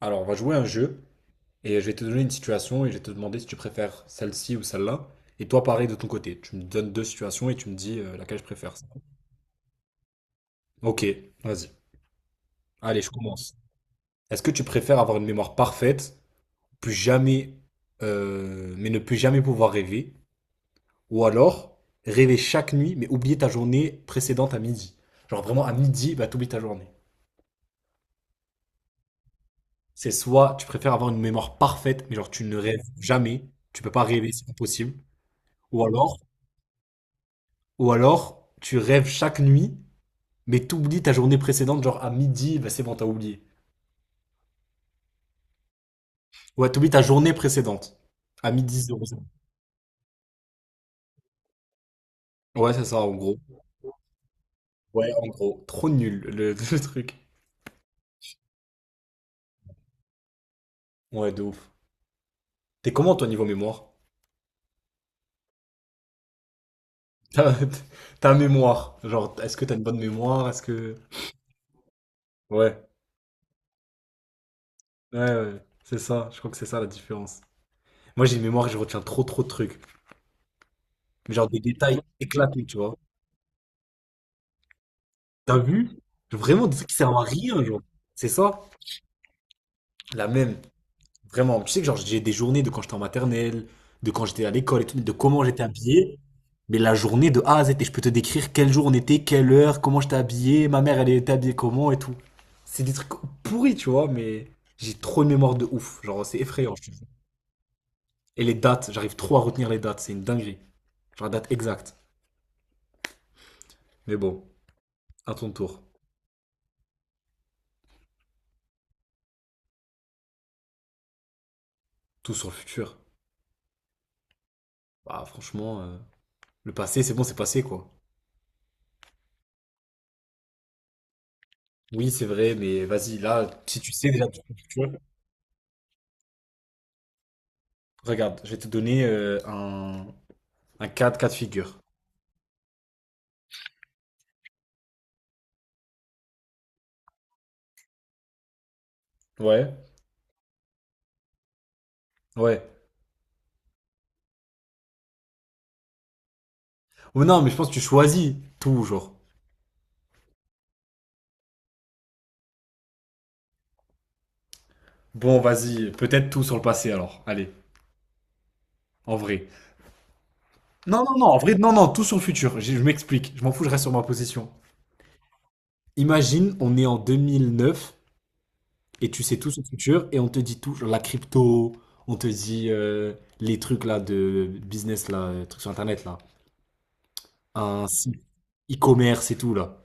Alors, on va jouer à un jeu et je vais te donner une situation et je vais te demander si tu préfères celle-ci ou celle-là. Et toi, pareil de ton côté. Tu me donnes deux situations et tu me dis laquelle je préfère. Ok, vas-y. Allez, je commence. Est-ce que tu préfères avoir une mémoire parfaite, plus jamais, mais ne plus jamais pouvoir rêver, ou alors rêver chaque nuit, mais oublier ta journée précédente à midi? Genre vraiment à midi, bah t'oublies ta journée. C'est soit tu préfères avoir une mémoire parfaite, mais genre tu ne rêves jamais, tu peux pas rêver, c'est impossible, ou alors ou alors, tu rêves chaque nuit, mais t'oublies ta journée précédente, genre à midi, bah c'est bon, t'as oublié. Ouais, t'oublies ta journée précédente. À midi 00. Ouais, c'est ça, en gros. Ouais, en gros. Trop nul, le, le truc. Ouais, de ouf. T'es comment, toi, niveau mémoire? Ta, ta mémoire. Genre, est-ce que t'as une bonne mémoire? Est-ce que... Ouais. Ouais, ouais. C'est ça. Je crois que c'est ça, la différence. Moi, j'ai une mémoire et je retiens trop, trop de trucs. Genre, des détails éclatés, tu vois. T'as vu? Vraiment, des trucs qui servent à rien, genre. C'est ça? La même. Vraiment, tu sais que genre j'ai des journées de quand j'étais en maternelle, de quand j'étais à l'école et tout, de comment j'étais habillé, mais la journée de A à Z, et je peux te décrire quel jour on était, quelle heure, comment j'étais habillé, ma mère elle était habillée comment et tout. C'est des trucs pourris, tu vois, mais j'ai trop de mémoire de ouf, genre c'est effrayant, je te jure. Et les dates, j'arrive trop à retenir les dates, c'est une dinguerie. Genre la date exacte. Mais bon, à ton tour, tout sur le futur. Bah franchement, le passé, c'est bon, c'est passé quoi. Oui, c'est vrai, mais vas-y, là, si tu sais déjà tout. Regarde, je vais te donner un cas de figure. Ouais, ouais. Ou non, mais je pense que tu choisis tout, genre. Bon, vas-y, peut-être tout sur le passé alors. Allez, en vrai. Non, non, non, en vrai, non, non, tout sur le futur. Je m'explique, je m'en fous, je reste sur ma position. Imagine, on est en 2009 et tu sais tout sur le futur et on te dit tout, genre la crypto, on te dit les trucs là de business, là, trucs sur Internet, là. Un site e-commerce et tout, là.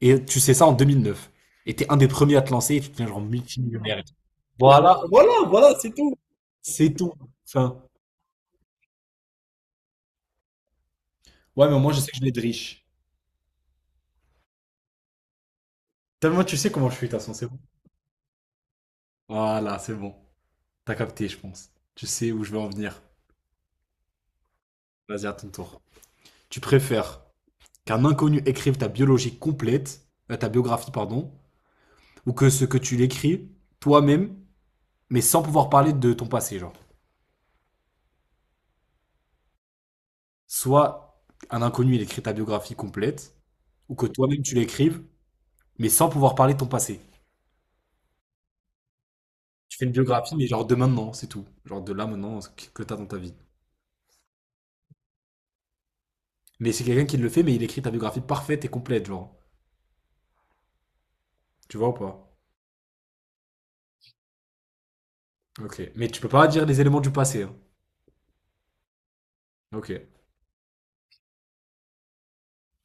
Et tu sais ça en 2009. Et t'es un des premiers à te lancer et tu deviens genre multimillionnaire et tout. Voilà. C'est tout. Enfin, ouais, mais moi je sais que je vais être riche. T'as- Moi tu sais comment je suis, de toute façon, c'est bon. Voilà, c'est bon. T'as capté, je pense. Tu sais où je veux en venir. Vas-y, à ton tour. Tu préfères qu'un inconnu écrive ta biologie complète, ta biographie, pardon, ou que ce que tu l'écris toi-même, mais sans pouvoir parler de ton passé, genre. Soit un inconnu, il écrit ta biographie complète, ou que toi-même tu l'écrives, mais sans pouvoir parler de ton passé. Tu fais une biographie, mais genre de maintenant, c'est tout. Genre de là maintenant, ce que t'as dans ta vie. Mais c'est quelqu'un qui le fait, mais il écrit ta biographie parfaite et complète, genre. Tu vois ou pas? Ok. Mais tu peux pas dire les éléments du passé, hein. Ok.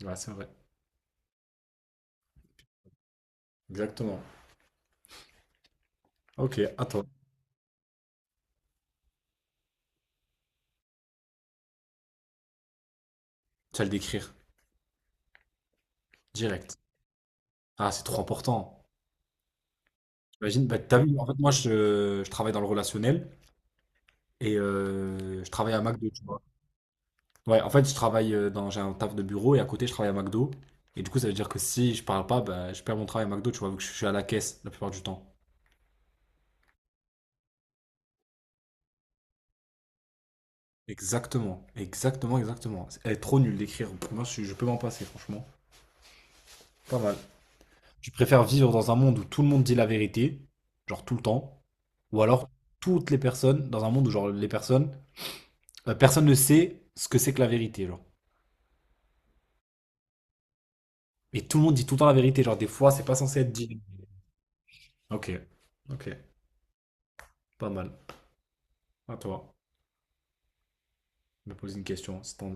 Ouais, c'est vrai. Exactement. Ok, attends. Tu vas le décrire. Direct. Ah, c'est trop important. Imagine, bah, t'as vu, en fait, moi, je travaille dans le relationnel et je travaille à McDo, tu vois. Ouais, en fait, je travaille dans, j'ai un taf de bureau et à côté, je travaille à McDo. Et du coup, ça veut dire que si je parle pas, bah, je perds mon travail à McDo, tu vois, vu que je suis à la caisse la plupart du temps. Exactement, exactement, exactement. Elle est trop nulle d'écrire. Moi, je peux m'en passer, franchement. Pas mal. Je préfère vivre dans un monde où tout le monde dit la vérité, genre tout le temps, ou alors toutes les personnes, dans un monde où genre les personnes, la personne ne sait ce que c'est que la vérité, genre. Et tout le monde dit tout le temps la vérité, genre des fois, c'est pas censé être dit. Ok, ok, pas mal. À toi, je me pose une question. Si t'en-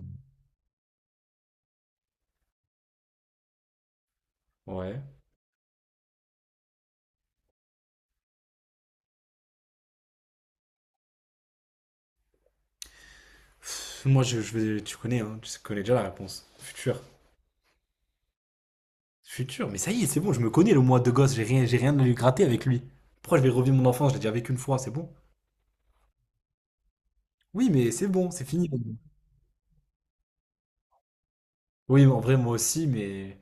Ouais. Pff, moi, je vais, tu connais, hein, tu connais déjà la réponse. Futur. Futur, mais ça y est, c'est bon, je me connais le moi de gosse, j'ai rien à lui gratter avec lui. Pourquoi je vais revivre mon enfance? Je l'ai déjà vécu une fois, c'est bon. Oui, mais c'est bon, c'est fini. Oui, en vrai, moi aussi,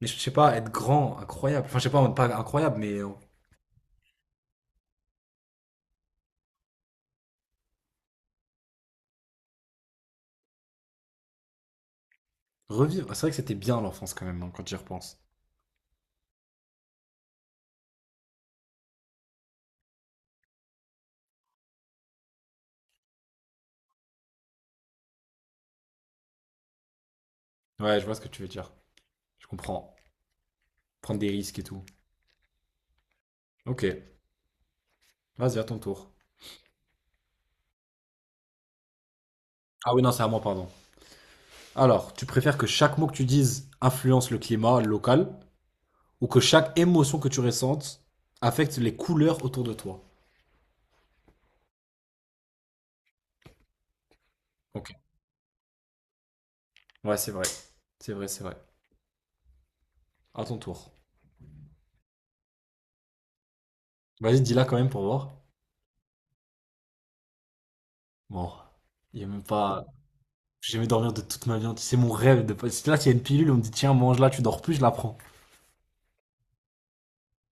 mais je sais pas, être grand, incroyable. Enfin, je sais pas, pas incroyable, mais revivre. C'est vrai que c'était bien l'enfance quand même, hein, quand j'y repense. Ouais, je vois ce que tu veux dire. Je comprends. Prendre des risques et tout. Ok, vas-y, à ton tour. Ah oui, non, c'est à moi, pardon. Alors, tu préfères que chaque mot que tu dises influence le climat local ou que chaque émotion que tu ressentes affecte les couleurs autour de toi? Ok. Ouais, c'est vrai. C'est vrai, c'est vrai. À ton tour. Vas-y, dis-la quand même pour voir. Bon. Il y a même pas. J'ai jamais dormir de toute ma vie entière. C'est mon rêve de passer. Là, s'il y a une pilule, on me dit tiens, mange-la, tu dors plus, je la prends.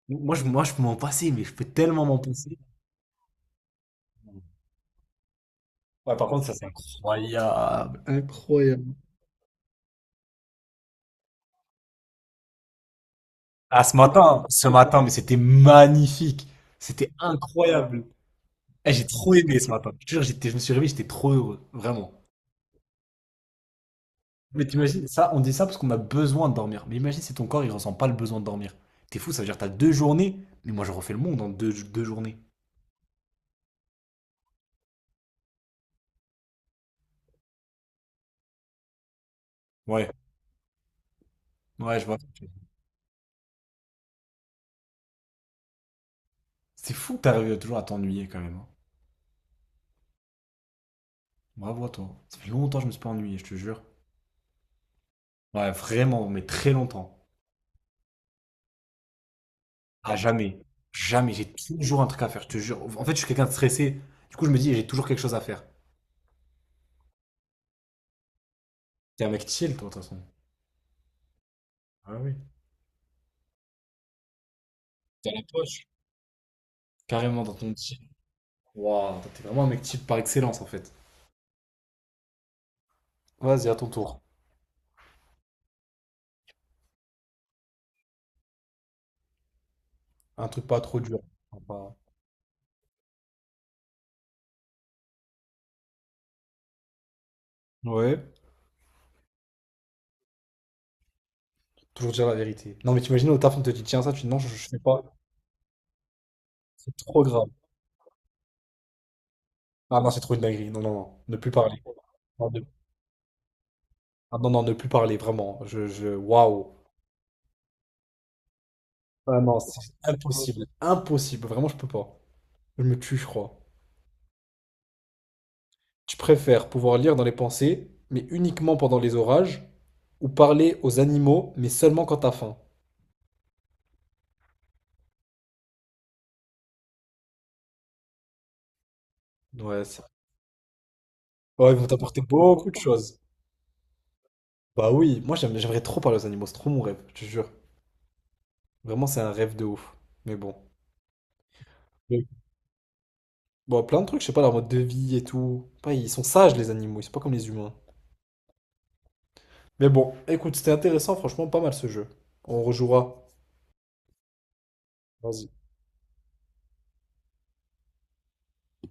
Moi, je peux m'en passer, mais je peux tellement m'en passer. Ouais, par contre, ça, c'est incroyable. Incroyable. Ah, ce matin, mais c'était magnifique. C'était incroyable. Eh, j'ai trop aimé ce matin. Je te jure, j'étais, je me suis réveillé, j'étais trop heureux. Vraiment. Mais t'imagines, ça, on dit ça parce qu'on a besoin de dormir. Mais imagine si ton corps, il ressent pas le besoin de dormir. T'es fou, ça veut dire que t'as deux journées. Mais moi, je refais le monde en deux journées. Ouais, ouais, je vois. C'est fou que t'arrives toujours à t'ennuyer quand même, hein. Bravo à toi. Ça fait longtemps que je me suis pas ennuyé, je te jure. Ouais, vraiment, mais très longtemps. À jamais. Jamais. J'ai toujours un truc à faire, je te jure. En fait, je suis quelqu'un de stressé. Du coup, je me dis, j'ai toujours quelque chose à faire. T'es un mec chill, toi, de toute façon. Ah oui. T'es à la poche. Carrément dans ton chill. Waouh, toi, t'es vraiment un mec chill par excellence, en fait. Vas-y, à ton tour. Un truc pas trop dur. Enfin, pas- Ouais. Toujours dire la vérité. Non, mais t'imagines au taf, on te dit, tiens, ça, tu dis non, je fais pas. C'est trop grave. Ah non, c'est trop une dinguerie. Non, non, non. Ne plus parler. Non, ne- Ah non, non, ne plus parler, vraiment. Je... Waouh. Ah non, c'est impossible. Impossible. Vraiment, je peux pas. Je me tue, je crois. Tu préfères pouvoir lire dans les pensées, mais uniquement pendant les orages, ou parler aux animaux, mais seulement quand t'as faim. Ouais, c'est- ouais, ils vont t'apporter beaucoup de choses. Bah oui, moi j'aimerais trop parler aux animaux, c'est trop mon rêve, je te jure. Vraiment, c'est un rêve de ouf. Mais bon. Oui. Bon, plein de trucs, je sais pas, leur mode de vie et tout. Pas, ils sont sages, les animaux, ils sont pas comme les humains. Mais bon, écoute, c'était intéressant, franchement, pas mal ce jeu. On rejouera. Vas-y.